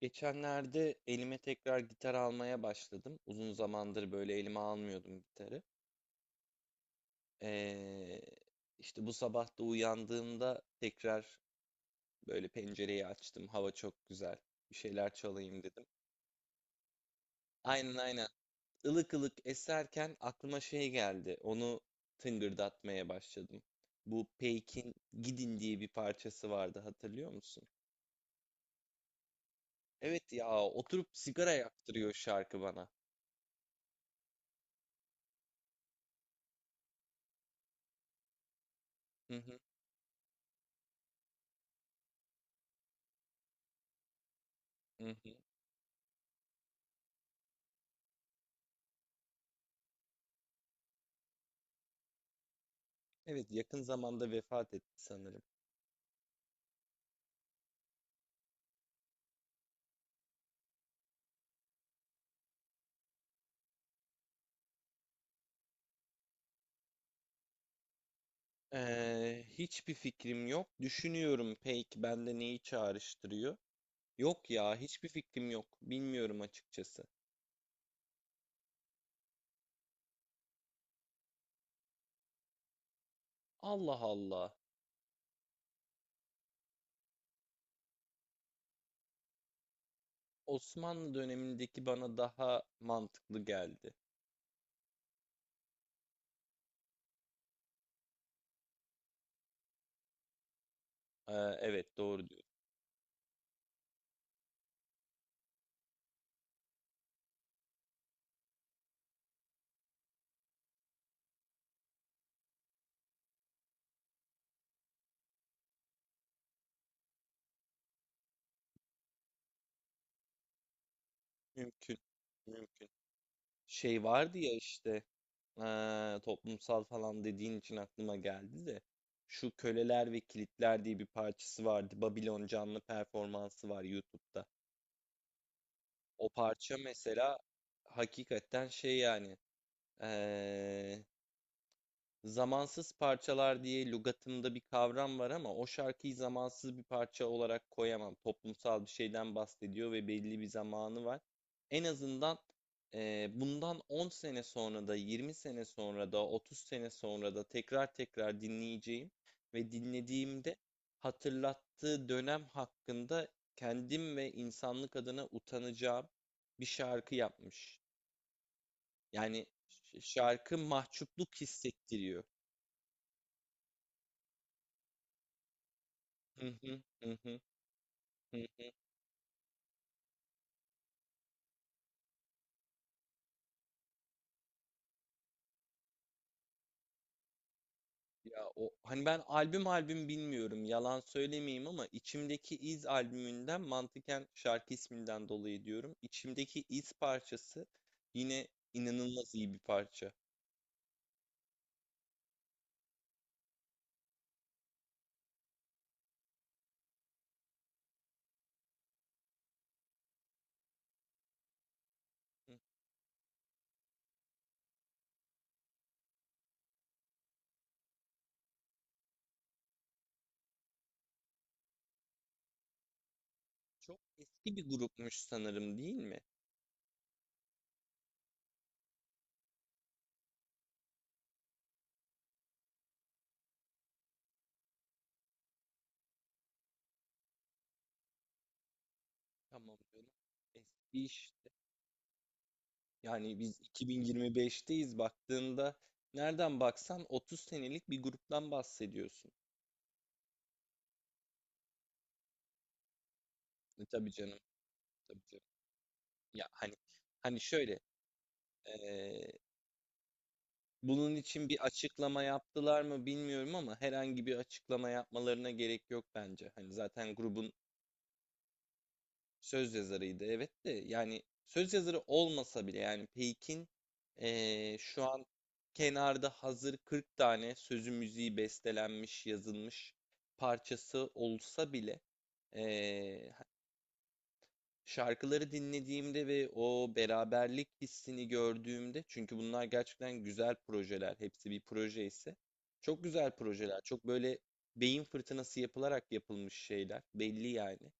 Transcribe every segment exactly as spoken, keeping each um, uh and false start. Geçenlerde elime tekrar gitar almaya başladım. Uzun zamandır böyle elime almıyordum gitarı. Ee, işte bu sabah da uyandığımda tekrar böyle pencereyi açtım. Hava çok güzel. Bir şeyler çalayım dedim. Aynen aynen. Ilık ılık eserken aklıma şey geldi. Onu tıngırdatmaya başladım. Bu Peyk'in Gidin diye bir parçası vardı, hatırlıyor musun? Evet ya, oturup sigara yaktırıyor şarkı bana. Hı hı. Hı hı. Evet, yakın zamanda vefat etti sanırım. Ee, hiçbir fikrim yok. Düşünüyorum, peki bende neyi çağrıştırıyor? Yok ya, hiçbir fikrim yok. Bilmiyorum açıkçası. Allah Allah. Osmanlı dönemindeki bana daha mantıklı geldi. Ee, evet, doğru diyorsun. Mümkün. Mümkün. Şey vardı ya, işte ee, toplumsal falan dediğin için aklıma geldi de. Şu Köleler ve Kilitler diye bir parçası vardı. Babilon canlı performansı var YouTube'da. O parça mesela hakikaten şey yani eee, zamansız parçalar diye lügatımda bir kavram var, ama o şarkıyı zamansız bir parça olarak koyamam. Toplumsal bir şeyden bahsediyor ve belli bir zamanı var. En azından eee, bundan on sene sonra da, yirmi sene sonra da, otuz sene sonra da tekrar tekrar dinleyeceğim ve dinlediğimde hatırlattığı dönem hakkında kendim ve insanlık adına utanacağım bir şarkı yapmış. Yani ş- şarkı mahcupluk hissettiriyor. Hı hı, hı hı, hı. Ya o hani, ben albüm albüm bilmiyorum, yalan söylemeyeyim, ama içimdeki iz albümünden mantıken şarkı isminden dolayı diyorum. İçimdeki iz parçası yine inanılmaz iyi bir parça. Hı. Çok eski bir grupmuş sanırım, değil mi? Tamam canım. Eski işte. Yani biz iki bin yirmi beşteyiz, baktığında nereden baksan otuz senelik bir gruptan bahsediyorsun. E, tabii canım, tabii canım. Ya hani, hani şöyle eee, bunun için bir açıklama yaptılar mı bilmiyorum, ama herhangi bir açıklama yapmalarına gerek yok bence. Hani zaten grubun söz yazarıydı, evet, de yani söz yazarı olmasa bile yani Peyk'in eee, şu an kenarda hazır kırk tane sözü müziği bestelenmiş yazılmış parçası olsa bile eee, şarkıları dinlediğimde ve o beraberlik hissini gördüğümde, çünkü bunlar gerçekten güzel projeler, hepsi bir proje ise, çok güzel projeler, çok böyle beyin fırtınası yapılarak yapılmış şeyler, belli yani.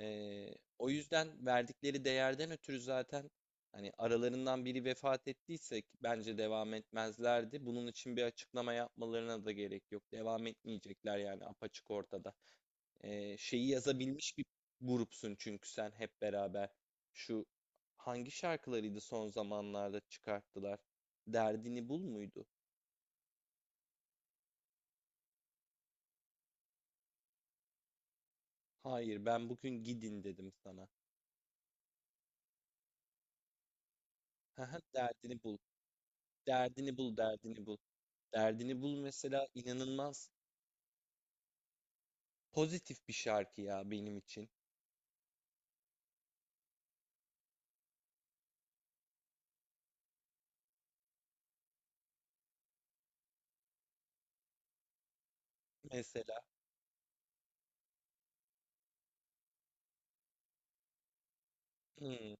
Ee, o yüzden verdikleri değerden ötürü zaten hani aralarından biri vefat ettiyse, ki bence devam etmezlerdi. Bunun için bir açıklama yapmalarına da gerek yok. Devam etmeyecekler, yani apaçık ortada. E, şeyi yazabilmiş bir grupsun çünkü sen, hep beraber. Şu hangi şarkılarıydı son zamanlarda çıkarttılar? Derdini bul muydu? Hayır, ben bugün gidin dedim sana. Haha, derdini bul, derdini bul, derdini bul. Derdini bul mesela inanılmaz pozitif bir şarkı ya benim için. Mesela, hmm,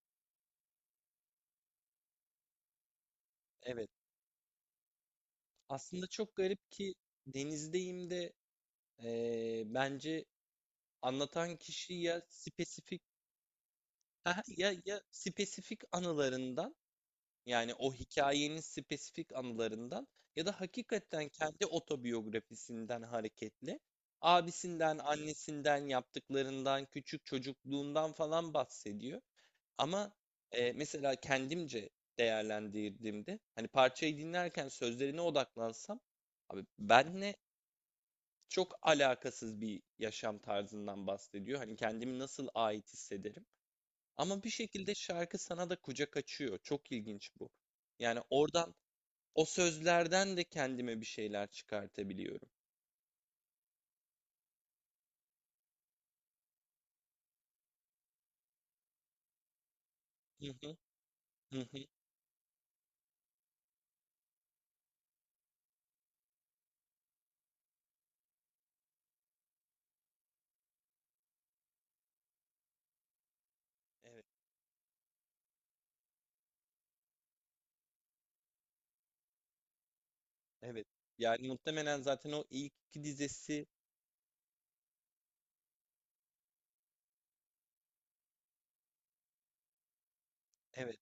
evet. Aslında çok garip ki Denizdeyim de eee, bence anlatan kişi ya spesifik... Aha, ya, ya spesifik anılarından, yani o hikayenin spesifik anılarından ya da hakikaten kendi otobiyografisinden hareketle abisinden, annesinden, yaptıklarından, küçük çocukluğundan falan bahsediyor. Ama e, mesela kendimce değerlendirdiğimde hani parçayı dinlerken sözlerine odaklansam, abi benle çok alakasız bir yaşam tarzından bahsediyor. Hani kendimi nasıl ait hissederim? Ama bir şekilde şarkı sana da kucak açıyor. Çok ilginç bu. Yani oradan, o sözlerden de kendime bir şeyler çıkartabiliyorum. Hı hı, hı hı. Evet, evet. Yani muhtemelen zaten o ilk iki dizesi evet,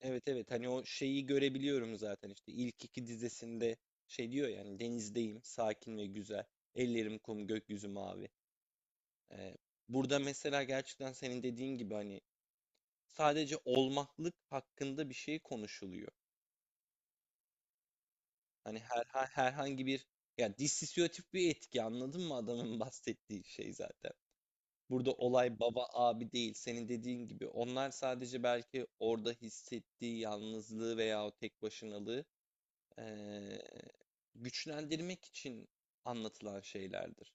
evet, evet. Hani o şeyi görebiliyorum zaten, işte ilk iki dizesinde şey diyor yani: denizdeyim, sakin ve güzel. Ellerim kum, gökyüzü mavi. Ee, burada mesela gerçekten senin dediğin gibi hani sadece olmaklık hakkında bir şey konuşuluyor. Hani her, her- herhangi bir, yani dissosiyatif bir etki, anladın mı, adamın bahsettiği şey zaten. Burada olay baba abi değil, senin dediğin gibi. Onlar sadece belki orada hissettiği yalnızlığı veya o tek başınalığı eee, güçlendirmek için anlatılan şeylerdir.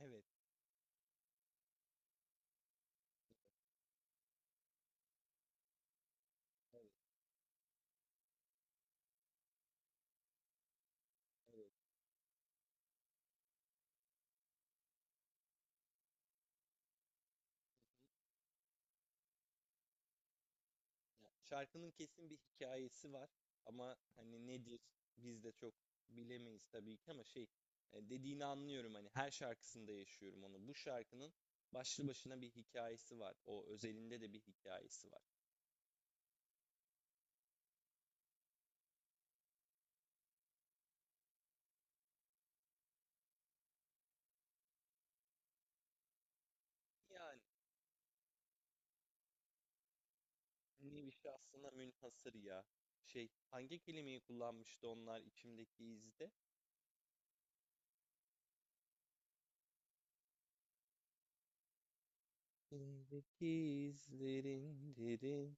Evet, evet, evet. Ya, şarkının kesin bir hikayesi var, ama hani nedir biz de çok bilemeyiz tabii ki, ama şey, e, dediğini anlıyorum, hani her şarkısında yaşıyorum onu. Bu şarkının başlı başına bir hikayesi var. O özelinde de bir hikayesi var. Yani nevi şahsına münhasır ya. Şey, hangi kelimeyi kullanmıştı onlar içimdeki izde? İçimdeki izlerin derin.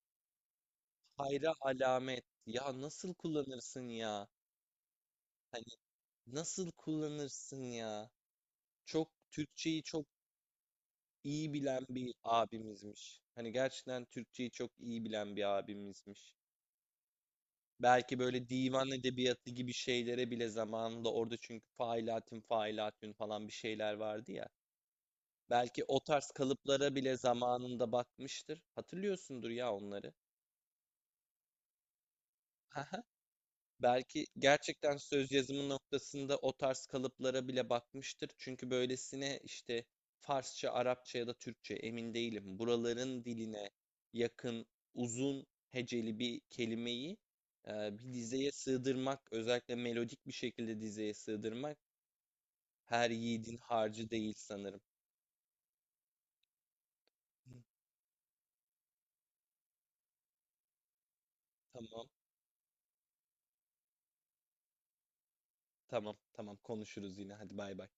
Hayra alamet. Ya nasıl kullanırsın ya? Hani nasıl kullanırsın ya? Çok Türkçeyi çok iyi bilen bir abimizmiş. Hani gerçekten Türkçeyi çok iyi bilen bir abimizmiş. Belki böyle divan edebiyatı gibi şeylere bile zamanında, orada çünkü failatün failatün falan bir şeyler vardı ya. Belki o tarz kalıplara bile zamanında bakmıştır. Hatırlıyorsundur ya onları. Belki gerçekten söz yazımı noktasında o tarz kalıplara bile bakmıştır. Çünkü böylesine işte Farsça, Arapça ya da Türkçe emin değilim. Buraların diline yakın, uzun heceli bir kelimeyi e, bir dizeye sığdırmak, özellikle melodik bir şekilde dizeye sığdırmak her yiğidin harcı değil sanırım. Tamam, tamam, tamam, konuşuruz yine. Hadi bay bay.